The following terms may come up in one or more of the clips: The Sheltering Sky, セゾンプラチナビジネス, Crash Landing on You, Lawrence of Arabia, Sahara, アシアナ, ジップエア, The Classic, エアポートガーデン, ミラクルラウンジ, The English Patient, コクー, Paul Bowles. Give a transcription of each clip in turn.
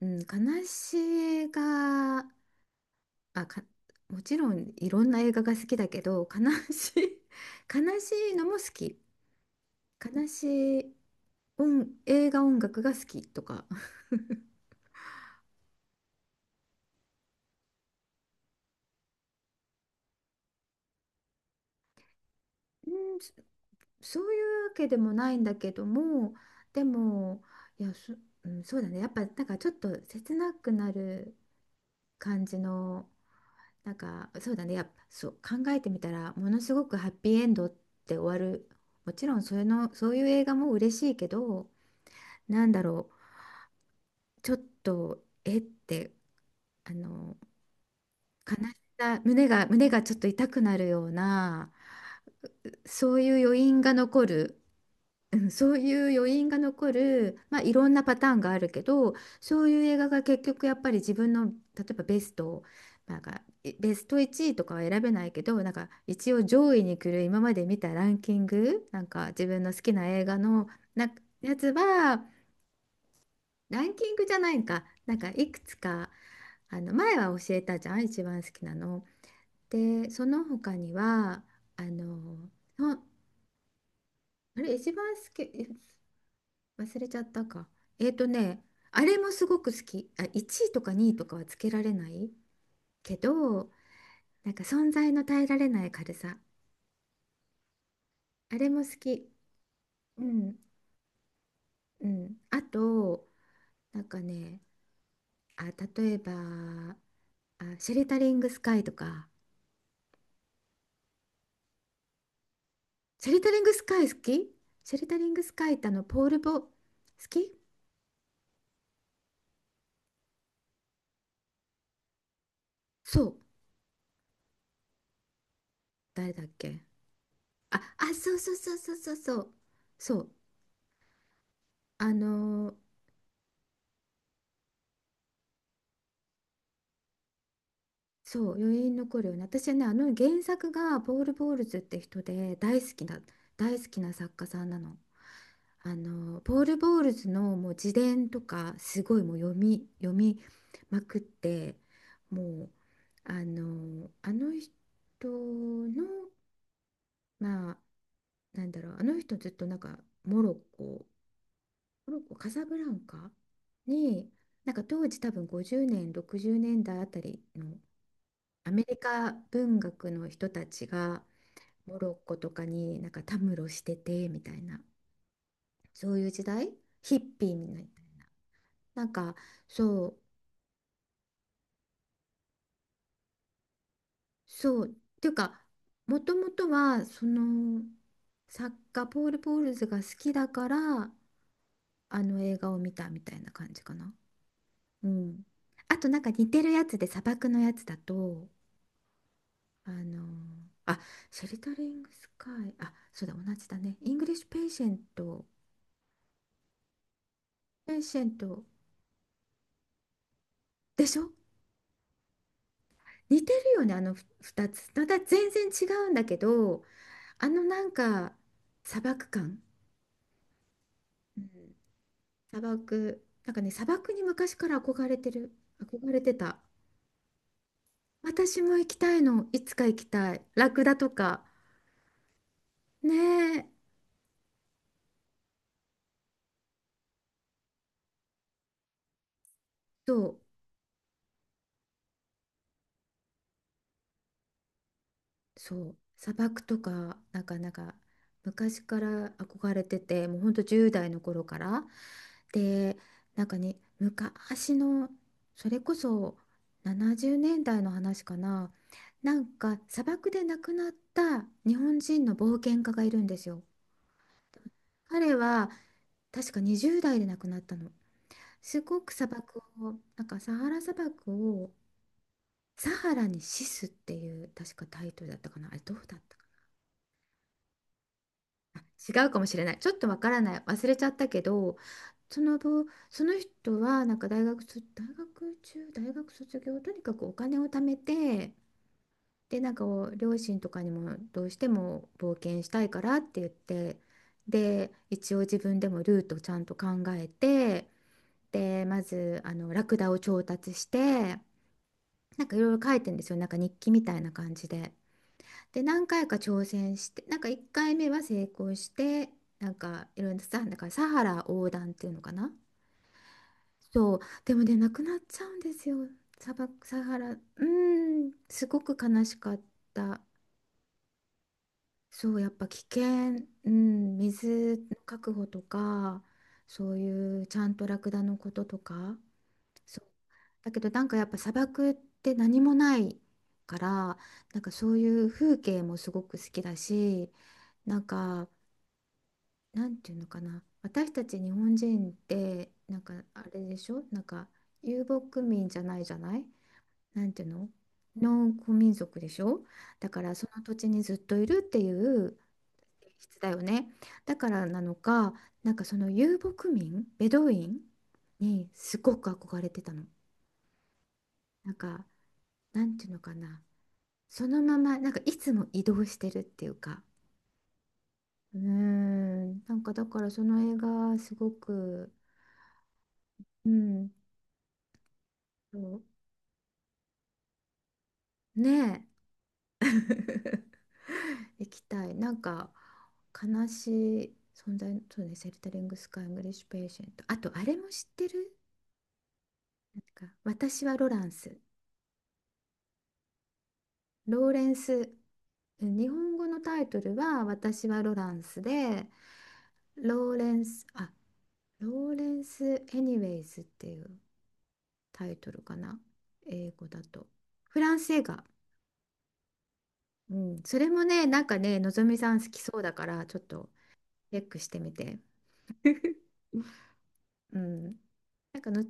うん、悲しい映画、あ、か、もちろんいろんな映画が好きだけど、悲しい、悲しいのも好き。悲しい映画音楽が好きとか。うん、そそういうわけでもないんだけども、でも、いや、そ、うん、そうだね。やっぱ、なんかちょっと切なくなる感じの、なんか、そうだね。やっぱ、そう、考えてみたら、ものすごくハッピーエンドって終わる。もちろん、それの、そういう映画も嬉しいけど、なんだろう、ちょっと、えって、あの、悲しさ、胸がちょっと痛くなるような、そういう余韻が残る、うん、そういう余韻が残る、まあ、いろんなパターンがあるけど、そういう映画が結局やっぱり自分の、例えばベスト1位とかは選べないけど、なんか一応上位に来る今まで見たランキング、なんか自分の好きな映画の、なんかやつは、ランキングじゃないか、なんかいくつか、あの前は教えたじゃん、一番好きなの。で、その他には、あの、ああれ、一番好き、え忘れちゃったか。えっとね、あれもすごく好き。あ、1位とか2位とかはつけられないけど、なんか存在の耐えられない軽さ。あれも好き。うん、うん。あと、なんかね、あ、例えば、あ、シェルタリングスカイとか。シェリタリングスカイ好き。シェリタリングスカイってあのポール・ボ好きそう。誰だっけ。あ、あ、そうそうそうそうそうそうそう。あのーそう、余韻残るよね。私はね、あの原作がポール・ボールズって人で、大好きな作家さんなの。あのー、ポール・ボールズのもう自伝とかすごいもう読みまくって、もう、あのーあの人のまあ、なんだろう、あの人ずっとなんかモロッコ、モロッコ、カサブランカに、なんか当時多分50年、60年代あたりのアメリカ文学の人たちがモロッコとかになんかたむろしててみたいな、そういう時代、ヒッピーみたいな、なんかそう、そう、っていうか、もともとはその作家ポール・ポールズが好きだから、あの映画を見たみたいな感じかな。うん。あとなんか似てるやつで砂漠のやつだと、あのあ、シェルタリングスカイ、あ、そうだ、同じだね。イングリッシュペイシェント、ペイシェント、でしょ。似てるよね、あの二つ。まただ全然違うんだけど、あのなんか砂漠感。うん、砂漠、なんかね、砂漠に昔から憧れてた。私も行きたいの、いつか行きたい。ラクダとか。ねえ、そう。そう、砂漠とか、なんか昔から憧れてて、もうほんと10代の頃から。で、なんかね、それこそ70年代の話かな、なんか砂漠で亡くなった日本人の冒険家がいるんですよ。彼は確か20代で亡くなったの。すごく砂漠を、サハラ砂漠を、「サハラに死す」っていう確かタイトルだったかな、あれどうだったか。違うかもしれない。ちょっとわからない。忘れちゃったけど、その後、その人はなんか大学卒業、とにかくお金を貯めて、で、なんかお両親とかにもどうしても冒険したいからって言って、で、一応自分でもルートをちゃんと考えて、で、まずあのラクダを調達して、なんかいろいろ書いてんですよ。なんか日記みたいな感じで。で、何回か挑戦して、なんか1回目は成功して、なんかいろいろさ、だからサハラ横断っていうのかな。そう、でもね、なくなっちゃうんですよ。砂漠サハラうーんすごく悲しかった。そうやっぱ危険、うん、水の確保とか、そういう、ちゃんとラクダのこととか。そうだけど、なんかやっぱ砂漠って何もないから、なんかそういう風景もすごく好きだし、なんか、なんていうのかな、私たち日本人ってなんかあれでしょ、なんか遊牧民じゃないじゃない、なんていうの、農耕民族でしょ。だからその土地にずっといるっていう性質だよね。だからなのか、なんかその遊牧民ベドウィンにすごく憧れてたの。なんか、なんていうのかな、そのままなんかいつも移動してるっていうか、うーん、なんかだからその映画すごく。うん、そう。ねえ。 行きたい。なんか悲しい存在、そうね。セルタリングスカイ、イングリッシュペーシェント、あとあれも知ってる、なんか私はロランス。ローレンス日本語のタイトルは私はロランスで、ローレンスあローレンス・エニウェイズっていうタイトルかな、英語だと。フランス映画。うん、それもね、なんかね、のぞみさん好きそうだからちょっとチェックしてみて。うん。なんかの、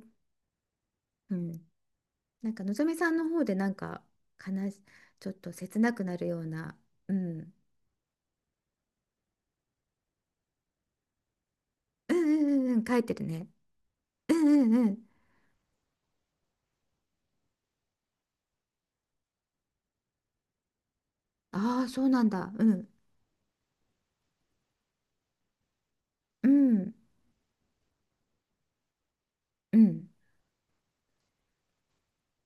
うん。なんかのぞみさんの方でなんか悲し、ちょっと切なくなるような、うん。うん、うん、うん、うん、書いてるね。うん、うん、うん。ああ、そうなんだ。うん。うん。うん。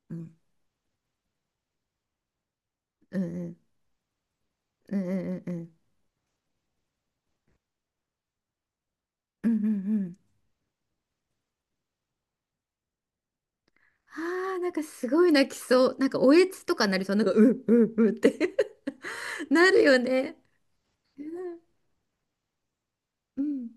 うん。うん、うん、うん、うん、うん。うん、うん、うん。ああ、なんかすごい泣きそう。なんかおえつとかなりそう。なんか、うううって なるよね。うん。うん。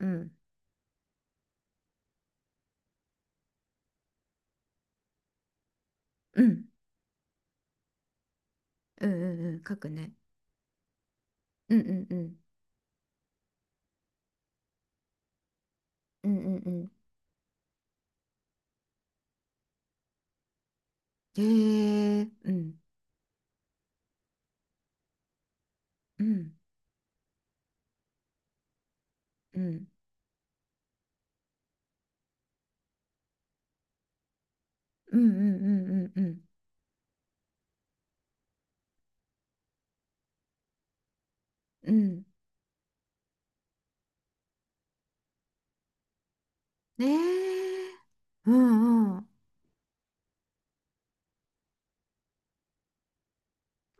うん。うん、うん、うん。書くね。うん、うん、うん。うん、うん、うん。へえうん、うん、うん、うん、うん、うん、うん、うん、うん、ねえ、うん、うん、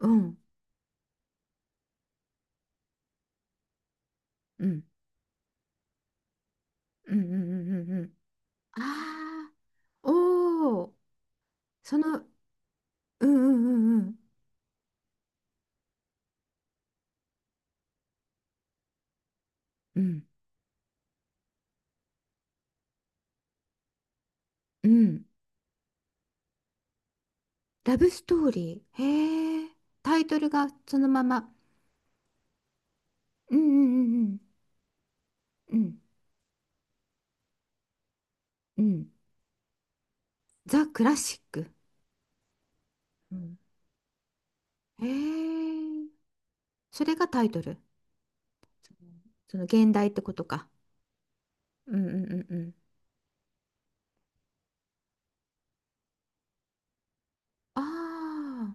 うん、うん、うん。ああ、おお、その、うん、うん、うん、うん、うん。ラブストーリー、へえ、タイトルがそのまま、うん、うん、うん、うん、うん。ザ・クラシック、うん、へえ、それがタイトル、そのその現代ってことか、うん、うん、うん、うん。ああ、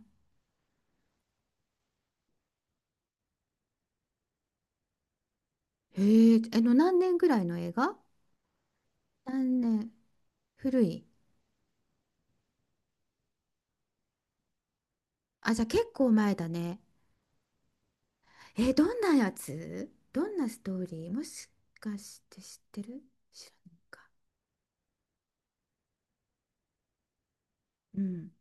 へえ、あの、何年ぐらいの映画。何年、古い。あ、じゃあ結構前だね。えー、どんなやつ、どんなストーリー、もしかして知ってる、知らないか。うん。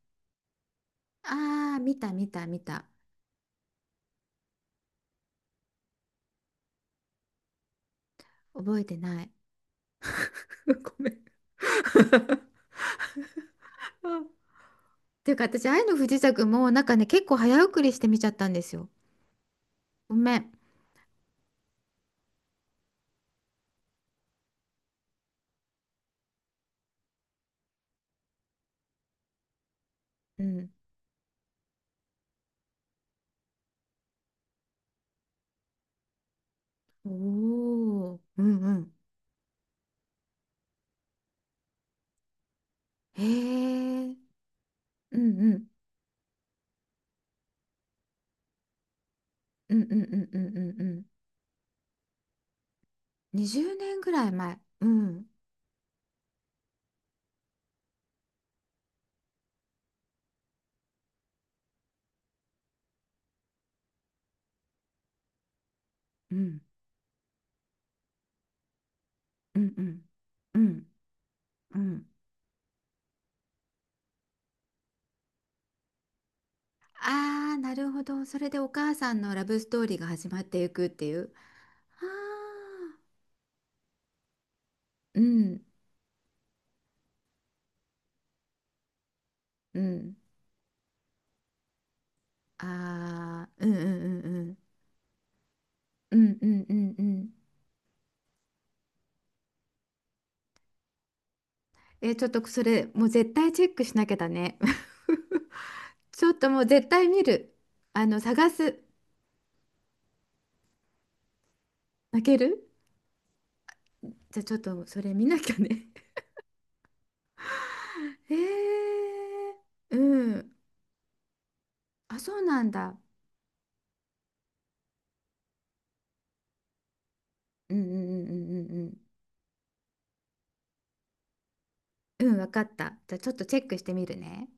ああ、見た見た見た。覚えてない。ごめん。っていうか私、愛の不時着もなんかね、結構早送りして見ちゃったんですよ。ごめん。うん。おお、うん、うん。へえ、うん、うん。うん、うん、うん、うん、うん、うん。20年ぐらい前。うん。うん。うん、うん。うん。うん。ああ、なるほど。それでお母さんのラブストーリーが始まっていくっていう。ああ。うん。うん。ああ。うん、うん、うん、うん。うん、うん、うん、うん。え、ちょっとそれ、もう絶対チェックしなきゃだね。ちょっともう絶対見る。あの、探す。泣ける。じゃあちょっとそれ見なきゃね。え。え。うん。あ、そうなんだ。うん、うん、うん、うん、うん、うん、うん、わかった、じゃあちょっとチェックしてみるね